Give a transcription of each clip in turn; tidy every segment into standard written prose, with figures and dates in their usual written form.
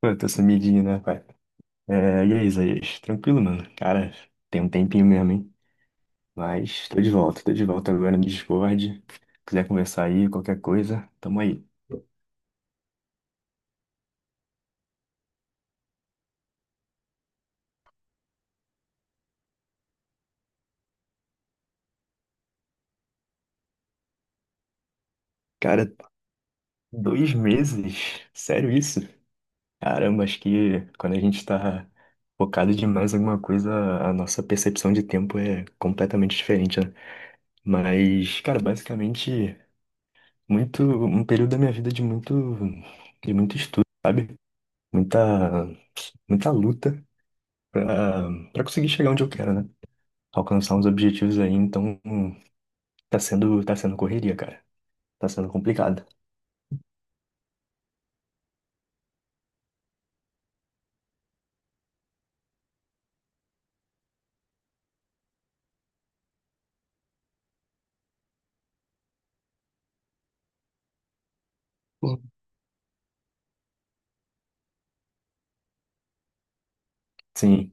Pô, tô sumidinho, né, pai? É, e aí, Isaías? Tranquilo, mano. Cara, tem um tempinho mesmo, hein? Mas tô de volta, agora no Discord. Quiser conversar aí, qualquer coisa, tamo aí. Cara, dois meses? Sério isso? Caramba, acho que quando a gente tá focado demais em alguma coisa, a nossa percepção de tempo é completamente diferente, né? Mas, cara, basicamente, um período da minha vida de muito estudo, sabe? Muita, muita luta pra conseguir chegar onde eu quero, né? Alcançar uns objetivos aí, então tá sendo correria, cara. Tá sendo complicado. Pô. Sim,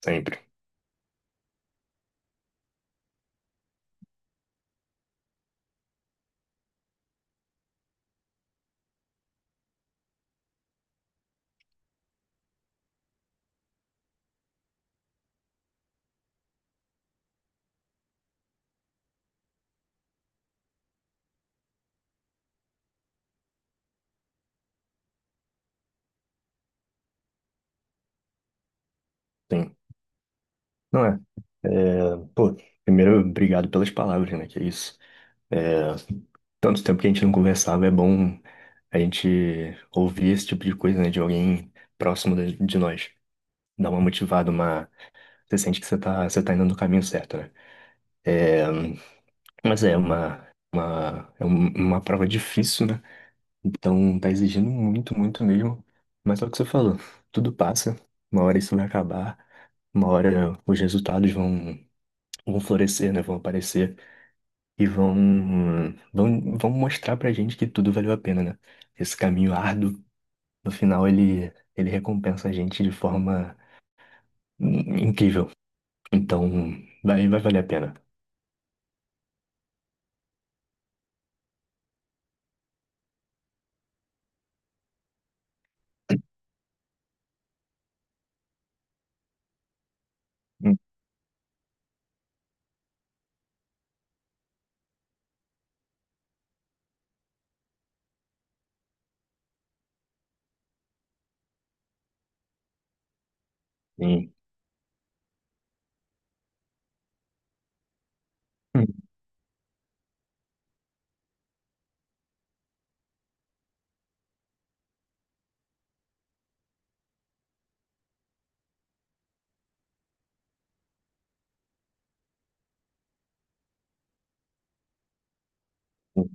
sempre. Sim. Não é? É, pô, primeiro, obrigado pelas palavras, né? Que é isso. É, tanto tempo que a gente não conversava, é bom a gente ouvir esse tipo de coisa, né? De alguém próximo de nós. Dá uma motivada, uma. Você sente que você tá indo no caminho certo, né? É, mas é uma, uma prova difícil, né? Então tá exigindo muito, muito mesmo. Mas é o que você falou, tudo passa, uma hora isso vai acabar, uma hora os resultados vão, vão florescer, né? Vão aparecer e vão, vão mostrar pra gente que tudo valeu a pena, né? Esse caminho árduo, no final ele, ele recompensa a gente de forma incrível. Então vai, vai valer a pena. Sim. Hum,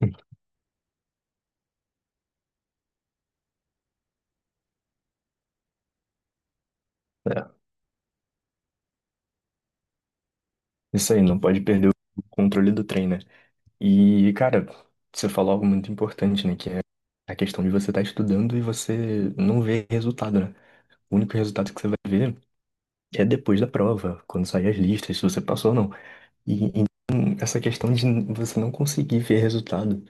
hum. É, isso aí, não pode perder o controle do trem, né? E, cara, você falou algo muito importante, né? Que é a questão de você estar estudando e você não ver resultado, né? O único resultado que você vai ver é depois da prova, quando sair as listas, se você passou ou não. E essa questão de você não conseguir ver resultado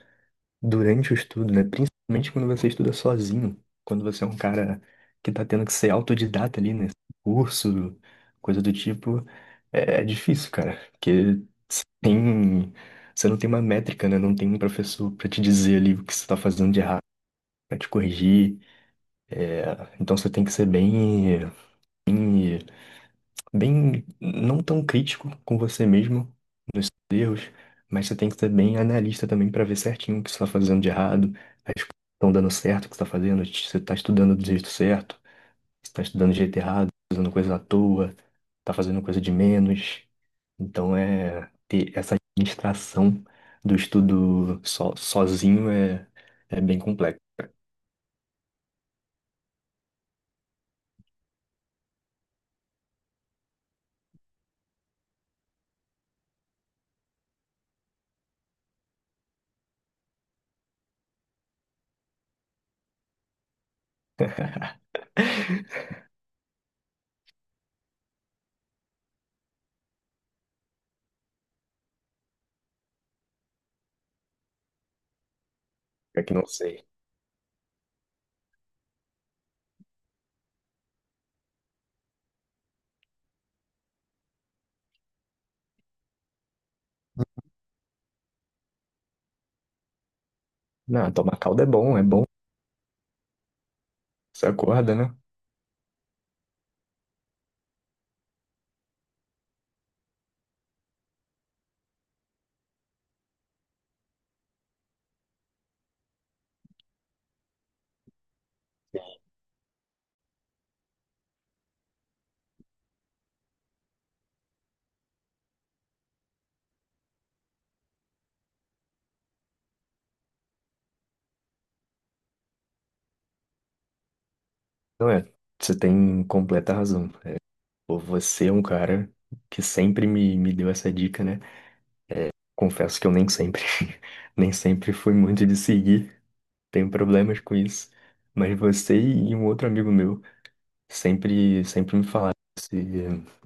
durante o estudo, né? Principalmente quando você estuda sozinho, quando você é um cara que tá tendo que ser autodidata ali, né? Curso, coisa do tipo. É, é difícil, cara, porque você tem, você não tem uma métrica, né? Não tem um professor pra te dizer ali o que você tá fazendo de errado, pra te corrigir. É, então você tem que ser bem, bem, bem não tão crítico com você mesmo nos seus erros, mas você tem que ser bem analista também pra ver certinho o que você tá fazendo de errado, as coisas que estão dando certo, o que você tá fazendo, se você tá estudando do jeito certo está estudando de jeito errado, usando coisa à toa, está fazendo coisa de menos. Então é ter essa administração do estudo sozinho é, é bem complexo. É que não sei. Não, tomar calda é bom, é bom. Você acorda, né? Não é. Você tem completa razão. Pô, você é um cara que sempre me deu essa dica, né? Confesso que eu nem sempre, nem sempre fui muito de seguir. Tenho problemas com isso. Mas você e um outro amigo meu sempre, sempre me falaram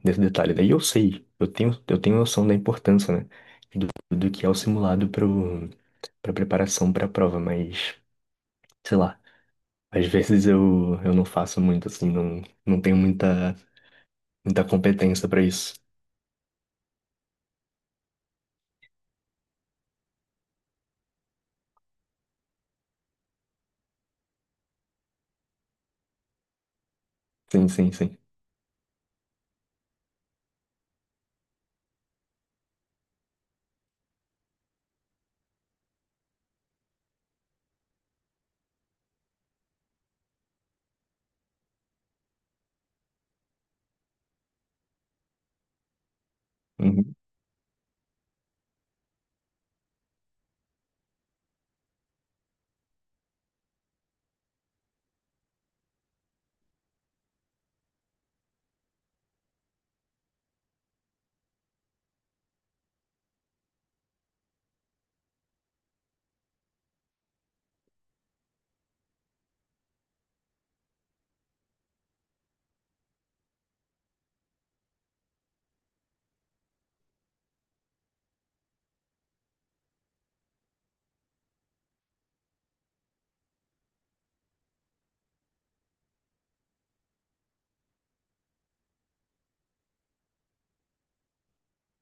desse detalhe. Daí eu sei, eu tenho noção da importância, né? Do, do que é o simulado para preparação para a prova, mas, sei lá, às vezes eu não faço muito, assim, não, não tenho muita, muita competência para isso. Sim, sim, sim. Uhum.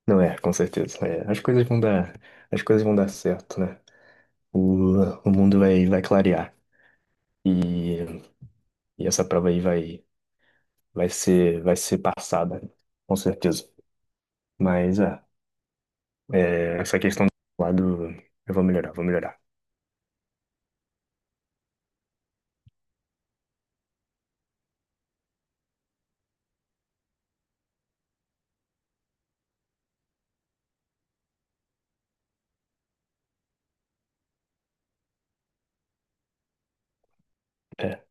Não é, com certeza. É. As coisas vão dar, as coisas vão dar certo, né? O, o mundo vai, vai clarear. E, e essa prova aí vai, vai ser passada, com certeza. Mas é, é, essa questão do lado, eu vou melhorar, vou melhorar. É.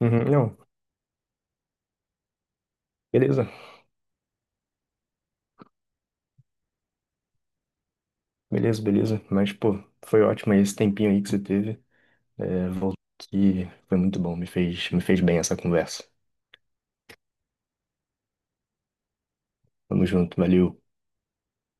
Uhum, não, beleza, beleza, beleza. Mas, pô, foi ótimo esse tempinho aí que você teve. É, voltou aqui, foi muito bom, me fez bem essa conversa. Tamo junto, valeu.